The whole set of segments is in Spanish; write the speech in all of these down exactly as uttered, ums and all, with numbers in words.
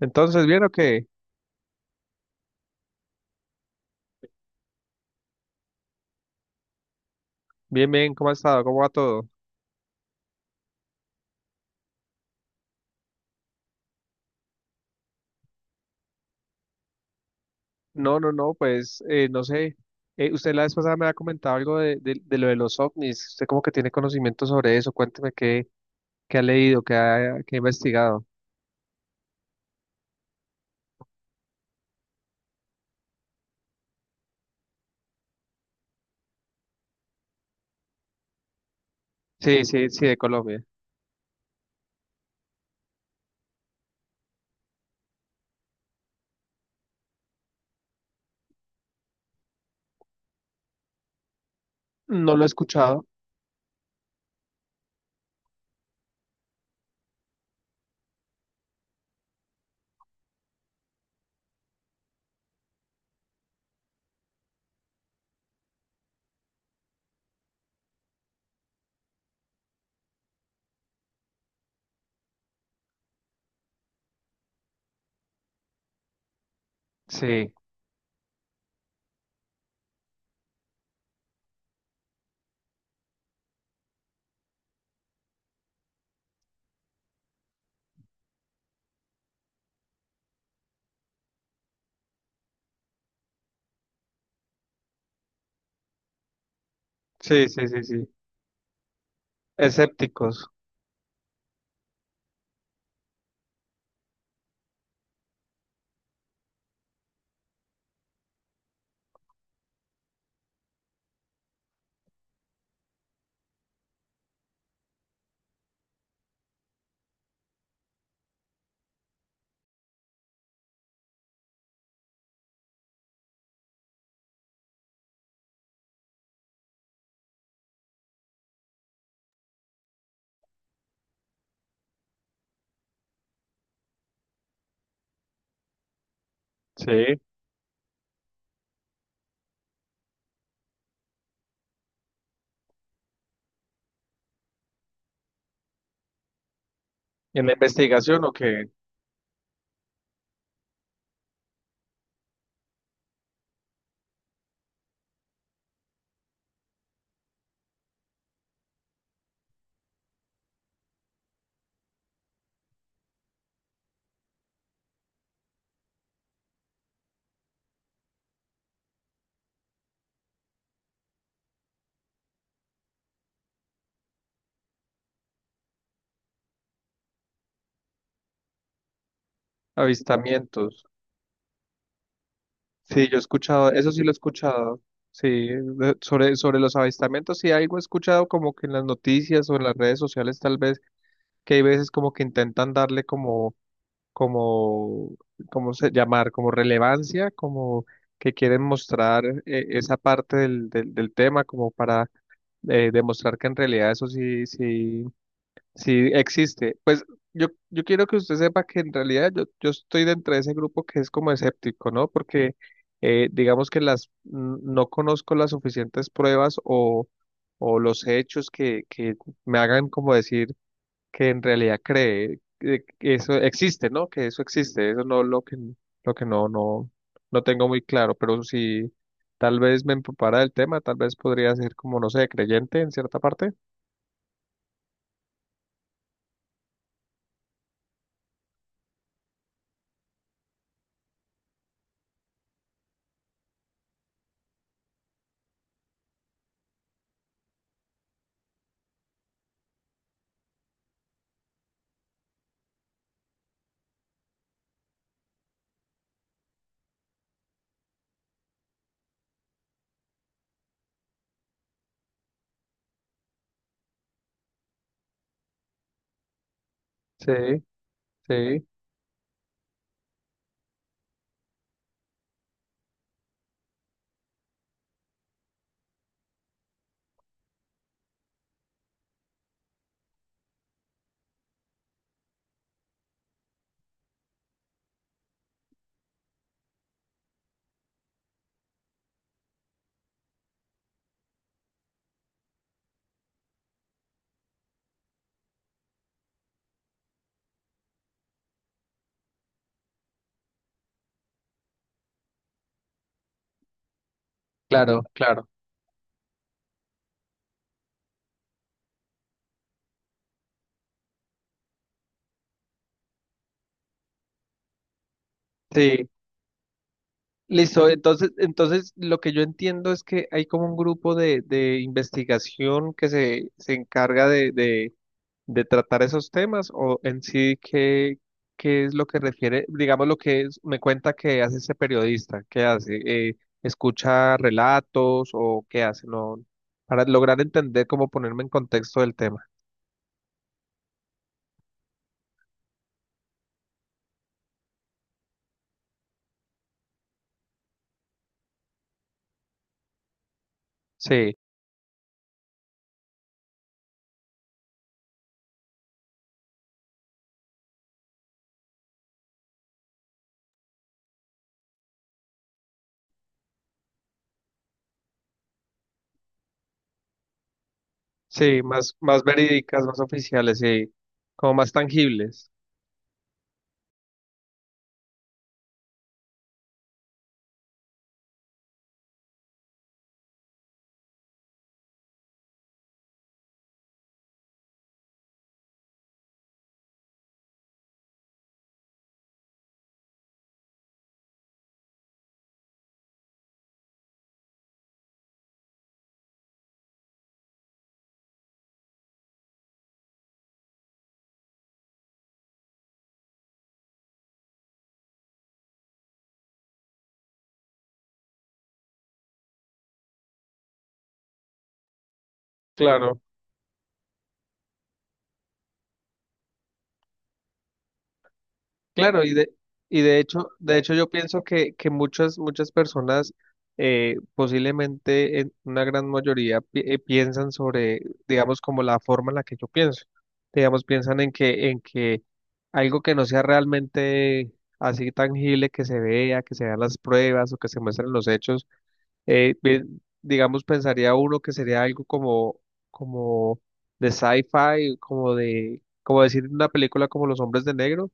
Entonces, ¿bien o qué? Bien, bien, ¿cómo ha estado? ¿Cómo va todo? No, no, no, pues eh, no sé. Eh, usted la vez pasada me ha comentado algo de, de, de lo de los ovnis. Usted como que tiene conocimiento sobre eso. Cuénteme qué, qué ha leído, qué ha, qué ha investigado. Sí, sí, sí, de Colombia. No lo he escuchado. Sí, sí, sí, sí, sí. Escépticos. Sí. ¿En la investigación o qué? Avistamientos. Sí, yo he escuchado, eso sí lo he escuchado. Sí, de- sobre, sobre los avistamientos, sí algo he escuchado como que en las noticias o en las redes sociales tal vez, que hay veces como que intentan darle como, como, ¿cómo se llamar? Como relevancia, como que quieren mostrar eh, esa parte del, del, del tema como para eh, demostrar que en realidad eso sí, sí, sí, existe. Pues yo, yo quiero que usted sepa que en realidad yo, yo estoy dentro de ese grupo que es como escéptico, ¿no? Porque eh, digamos que las n- no conozco las suficientes pruebas o, o los hechos que, que me hagan como decir que en realidad cree que que eso existe, ¿no? Que eso existe. Eso no lo que lo que no, no, No tengo muy claro. Pero si tal vez me empapara del tema, tal vez podría ser como, no sé, creyente en cierta parte. Sí, sí, claro, claro. Sí, listo. Entonces, entonces lo que yo entiendo es que hay como un grupo de, de investigación que se, se encarga de, de, de tratar esos temas o en sí qué, qué es lo que refiere, digamos lo que es- me cuenta que hace ese periodista, qué hace, Eh, escucha relatos o qué hace, no, para lograr entender cómo ponerme en contexto del tema. Sí, sí, más, más verídicas, más oficiales, sí, como más tangibles. Claro, y de, y de hecho, de hecho yo pienso que, que muchas, muchas personas, eh, posiblemente en una gran mayoría, pi- eh, piensan sobre, digamos, como la forma en la que yo pienso. Digamos, piensan en que, en que algo que no sea realmente así tangible, que se vea, que se vean las pruebas o que se muestren los hechos, eh, bien, digamos, pensaría uno que sería algo como, como de sci-fi, como de, como decir en una película como Los Hombres de Negro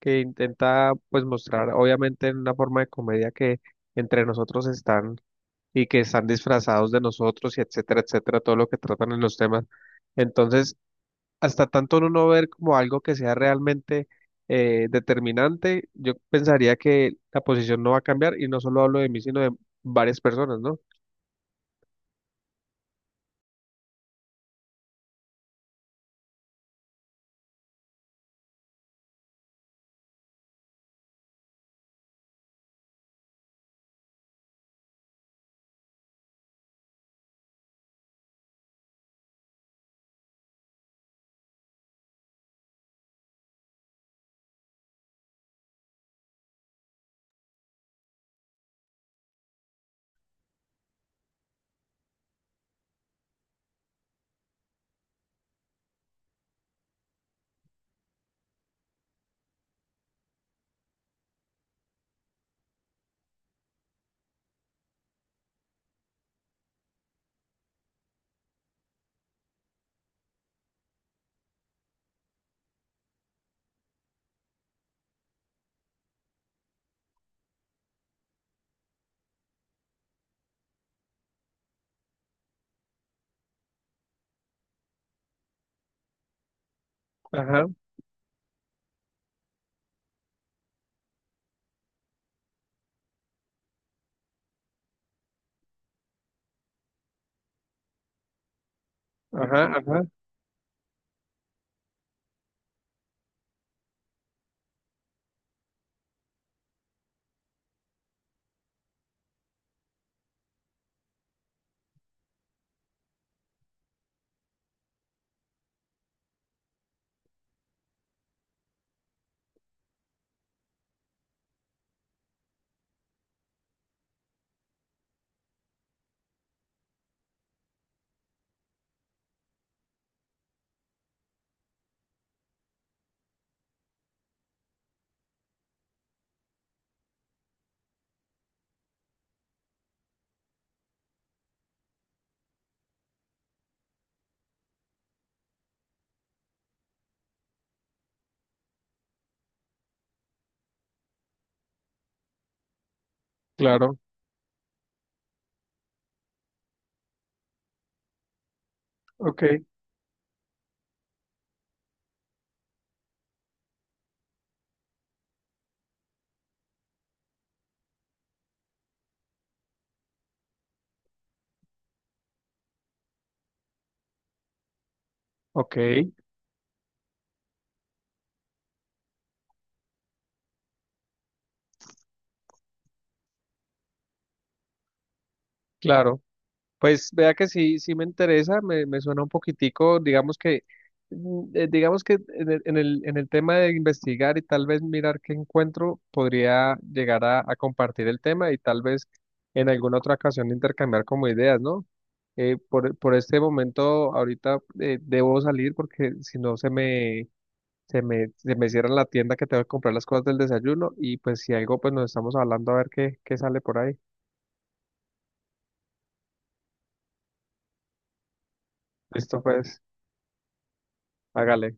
que intenta pues mostrar obviamente en una forma de comedia que entre nosotros están y que están disfrazados de nosotros y etcétera, etcétera, todo lo que tratan en los temas. Entonces, hasta tanto uno no ver como algo que sea realmente eh, determinante, yo pensaría que la posición no va a cambiar y no solo hablo de mí, sino de varias personas, ¿no? Ajá, ajá, ajá, claro, ok, ok, claro. Pues vea que sí, sí me interesa, me, me suena un poquitico, digamos que, mm, eh, digamos que en el, en el, en el tema de investigar y tal vez mirar qué encuentro, podría llegar a, a compartir el tema y tal vez en alguna otra ocasión intercambiar como ideas, ¿no? Eh, por, por este momento, ahorita eh, debo salir porque si no se me, se me, se me cierra la tienda que tengo que comprar las cosas del desayuno y pues si algo, pues nos estamos hablando a ver qué, qué sale por ahí. Listo, pues, hágale.